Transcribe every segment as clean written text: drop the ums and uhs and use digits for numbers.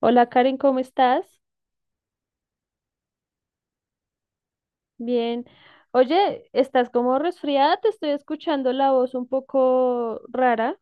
Hola Karen, ¿cómo estás? Bien. Oye, ¿estás como resfriada? Te estoy escuchando la voz un poco rara.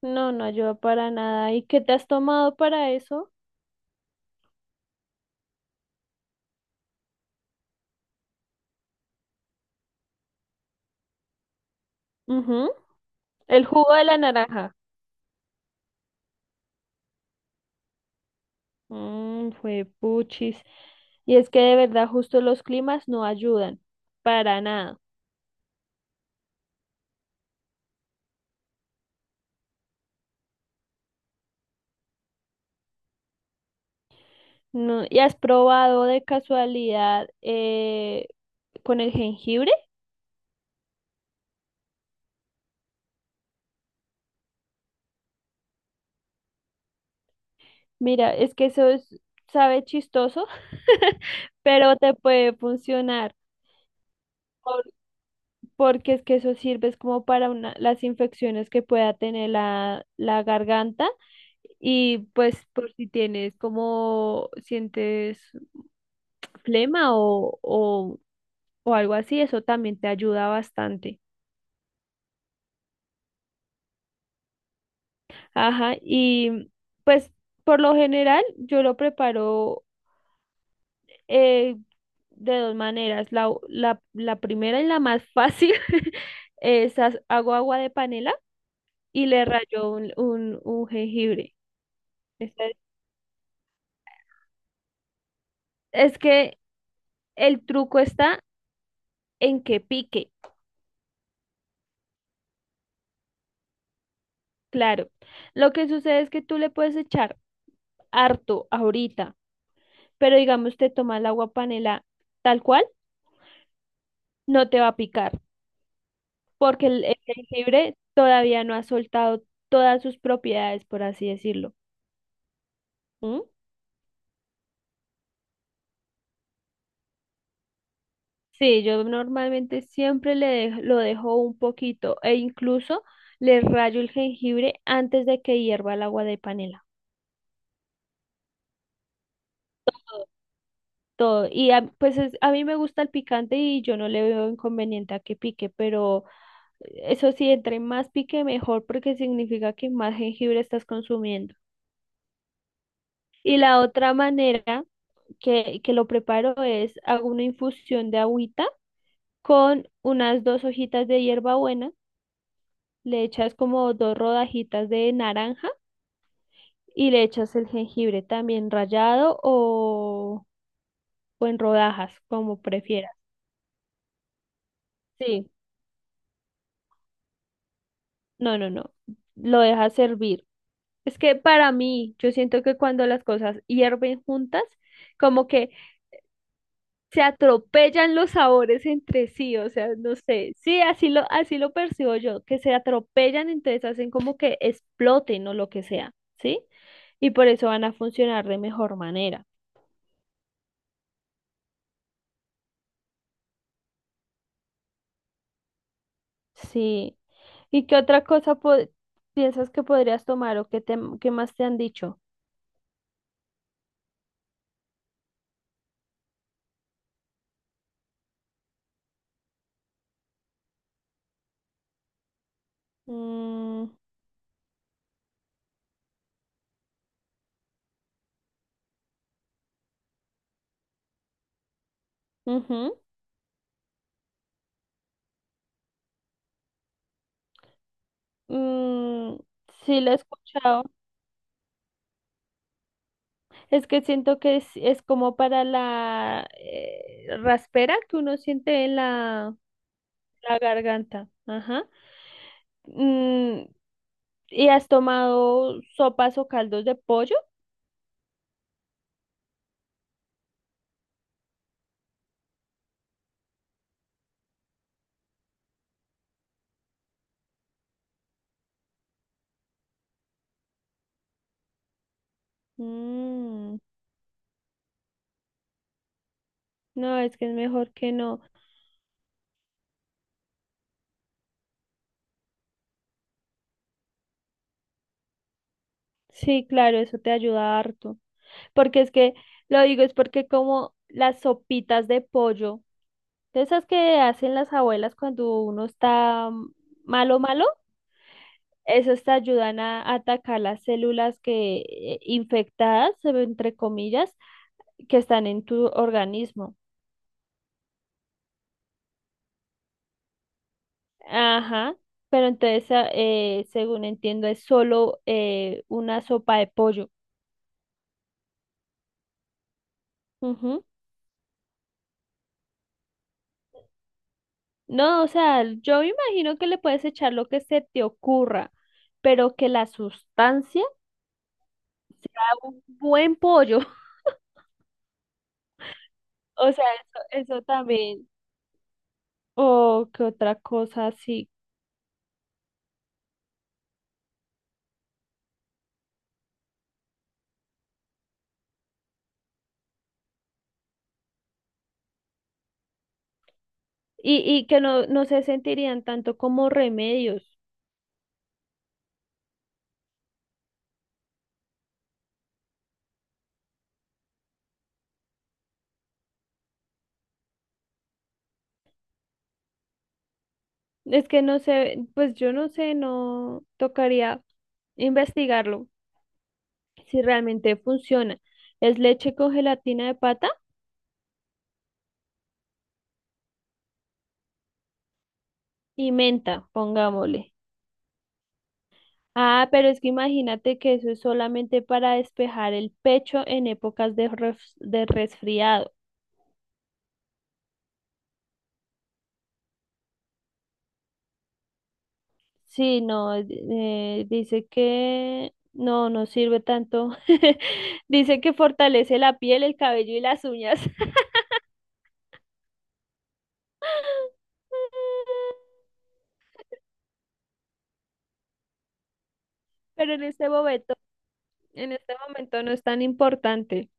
No, no ayuda para nada. ¿Y qué te has tomado para eso? Ujú. El jugo de la naranja. Mmm, fue puchis. Y es que de verdad justo los climas no ayudan para nada. No, ¿y has probado de casualidad con el jengibre? Mira, es que sabe chistoso, pero te puede funcionar. por- porque es que eso sirve es como para una, las infecciones que pueda tener la garganta, y pues por si tienes como sientes flema o algo así, eso también te ayuda bastante. Ajá, y pues por lo general yo lo preparo eh, de dos maneras. La primera y la más fácil es hago agua de panela y le rayo un jengibre. Es que el truco está en que pique, claro. Lo que sucede es que tú le puedes echar harto ahorita, pero digamos te toma el agua panela tal cual, no te va a picar, porque el jengibre todavía no ha soltado todas sus propiedades, por así decirlo. ¿Mm? Sí, yo normalmente siempre lo dejo un poquito e incluso le rayo el jengibre antes de que hierva el agua de panela. Todo. A mí me gusta el picante y yo no le veo inconveniente a que pique, pero eso sí, entre más pique mejor porque significa que más jengibre estás consumiendo. Y la otra manera que lo preparo es hago una infusión de agüita con unas dos hojitas de hierbabuena, le echas como dos rodajitas de naranja y le echas el jengibre también rallado o en rodajas, como prefieras. Sí, no, no, no. Lo dejas hervir. Es que para mí, yo siento que cuando las cosas hierven juntas, como que se atropellan los sabores entre sí, o sea, no sé, sí, así lo percibo yo, que se atropellan, entonces hacen como que exploten o lo que sea, ¿sí? Y por eso van a funcionar de mejor manera, sí. ¿Y qué otra cosa piensas que podrías tomar o qué, qué más te han dicho? Mm, ujú, mm, sí, lo he escuchado. Es que siento que es como para la raspera que uno siente en la garganta. Ajá. Mm, ¿y has tomado sopas o caldos de pollo? Mm, no, es que es mejor que no. Sí, claro, eso te ayuda harto. Porque es que, lo digo, es porque como las sopitas de pollo, de esas que hacen las abuelas cuando uno está malo, malo. Esas te ayudan a atacar las células que infectadas, entre comillas, que están en tu organismo. Ajá, pero entonces, según entiendo, es solo una sopa de pollo. Ujú. No, o sea, yo me imagino que le puedes echar lo que se te ocurra, pero que la sustancia, un buen pollo. O sea, eso también. O que otra cosa así. Y que no, se sentirían tanto como remedios. Es que no sé, pues yo no sé, no tocaría investigarlo si realmente funciona. Es leche con gelatina de pata y menta, pongámosle. Ah, pero es que imagínate que eso es solamente para despejar el pecho en épocas de resfriado. Sí, no, dice que no, sirve tanto. Dice que fortalece la piel, el cabello y las uñas. Pero en este momento En este momento no es tan importante.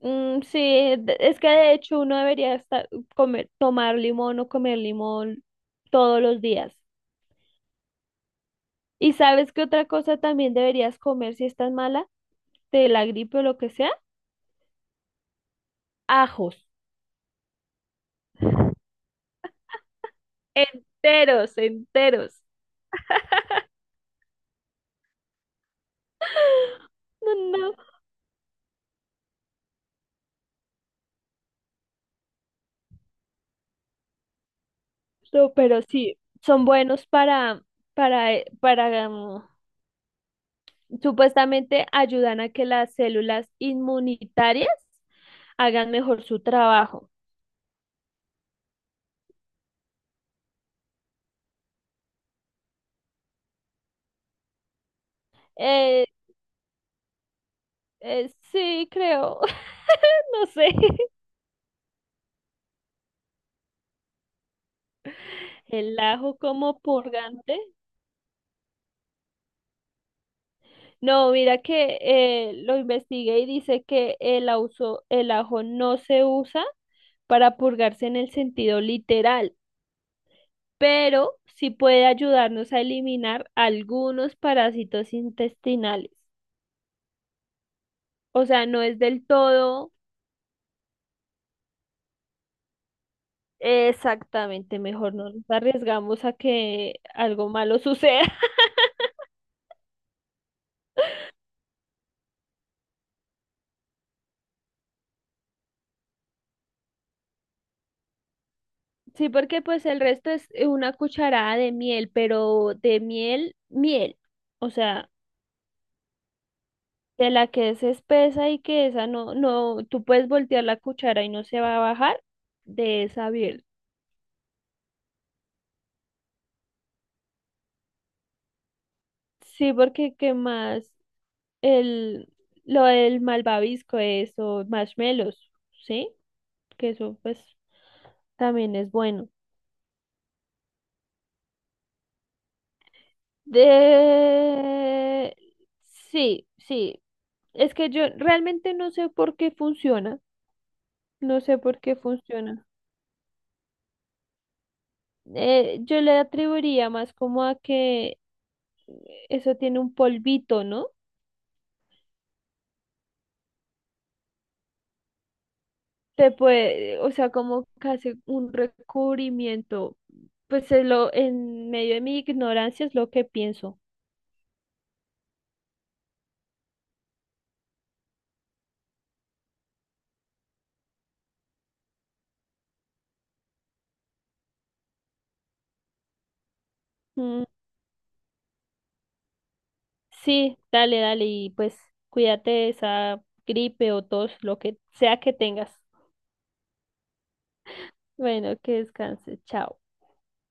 Mm, sí, es que de hecho uno debería comer, tomar limón o comer limón todos los días. ¿Y sabes qué otra cosa también deberías comer si estás mala? De la gripe o lo que sea. Ajos. Enteros, enteros. No, no, no, pero sí, son buenos para, supuestamente ayudan a que las células inmunitarias hagan mejor su trabajo. Eh, sí, creo, no sé, el ajo como purgante. No, mira que lo investigué y dice que el ajo no se usa para purgarse en el sentido literal, pero sí puede ayudarnos a eliminar algunos parásitos intestinales. O sea, no es del todo exactamente, mejor no nos arriesgamos a que algo malo suceda. Sí, porque pues el resto es una cucharada de miel, pero de miel, miel. O sea, de la que es espesa y que esa no, no, tú puedes voltear la cuchara y no se va a bajar de esa miel. Sí, porque qué más el, lo del malvavisco, eso, marshmallows, ¿sí? Que eso pues también es bueno. De... Sí, sí. Es que yo realmente no sé por qué funciona. No sé por qué funciona. Yo le atribuiría más como a que eso tiene un polvito, ¿no? O sea, como que hace un recubrimiento. Pues es lo, en medio de mi ignorancia es lo que pienso. Mm, sí, dale, dale, y pues cuídate de esa gripe o tos, lo que sea que tengas. Bueno, que descanses, chao.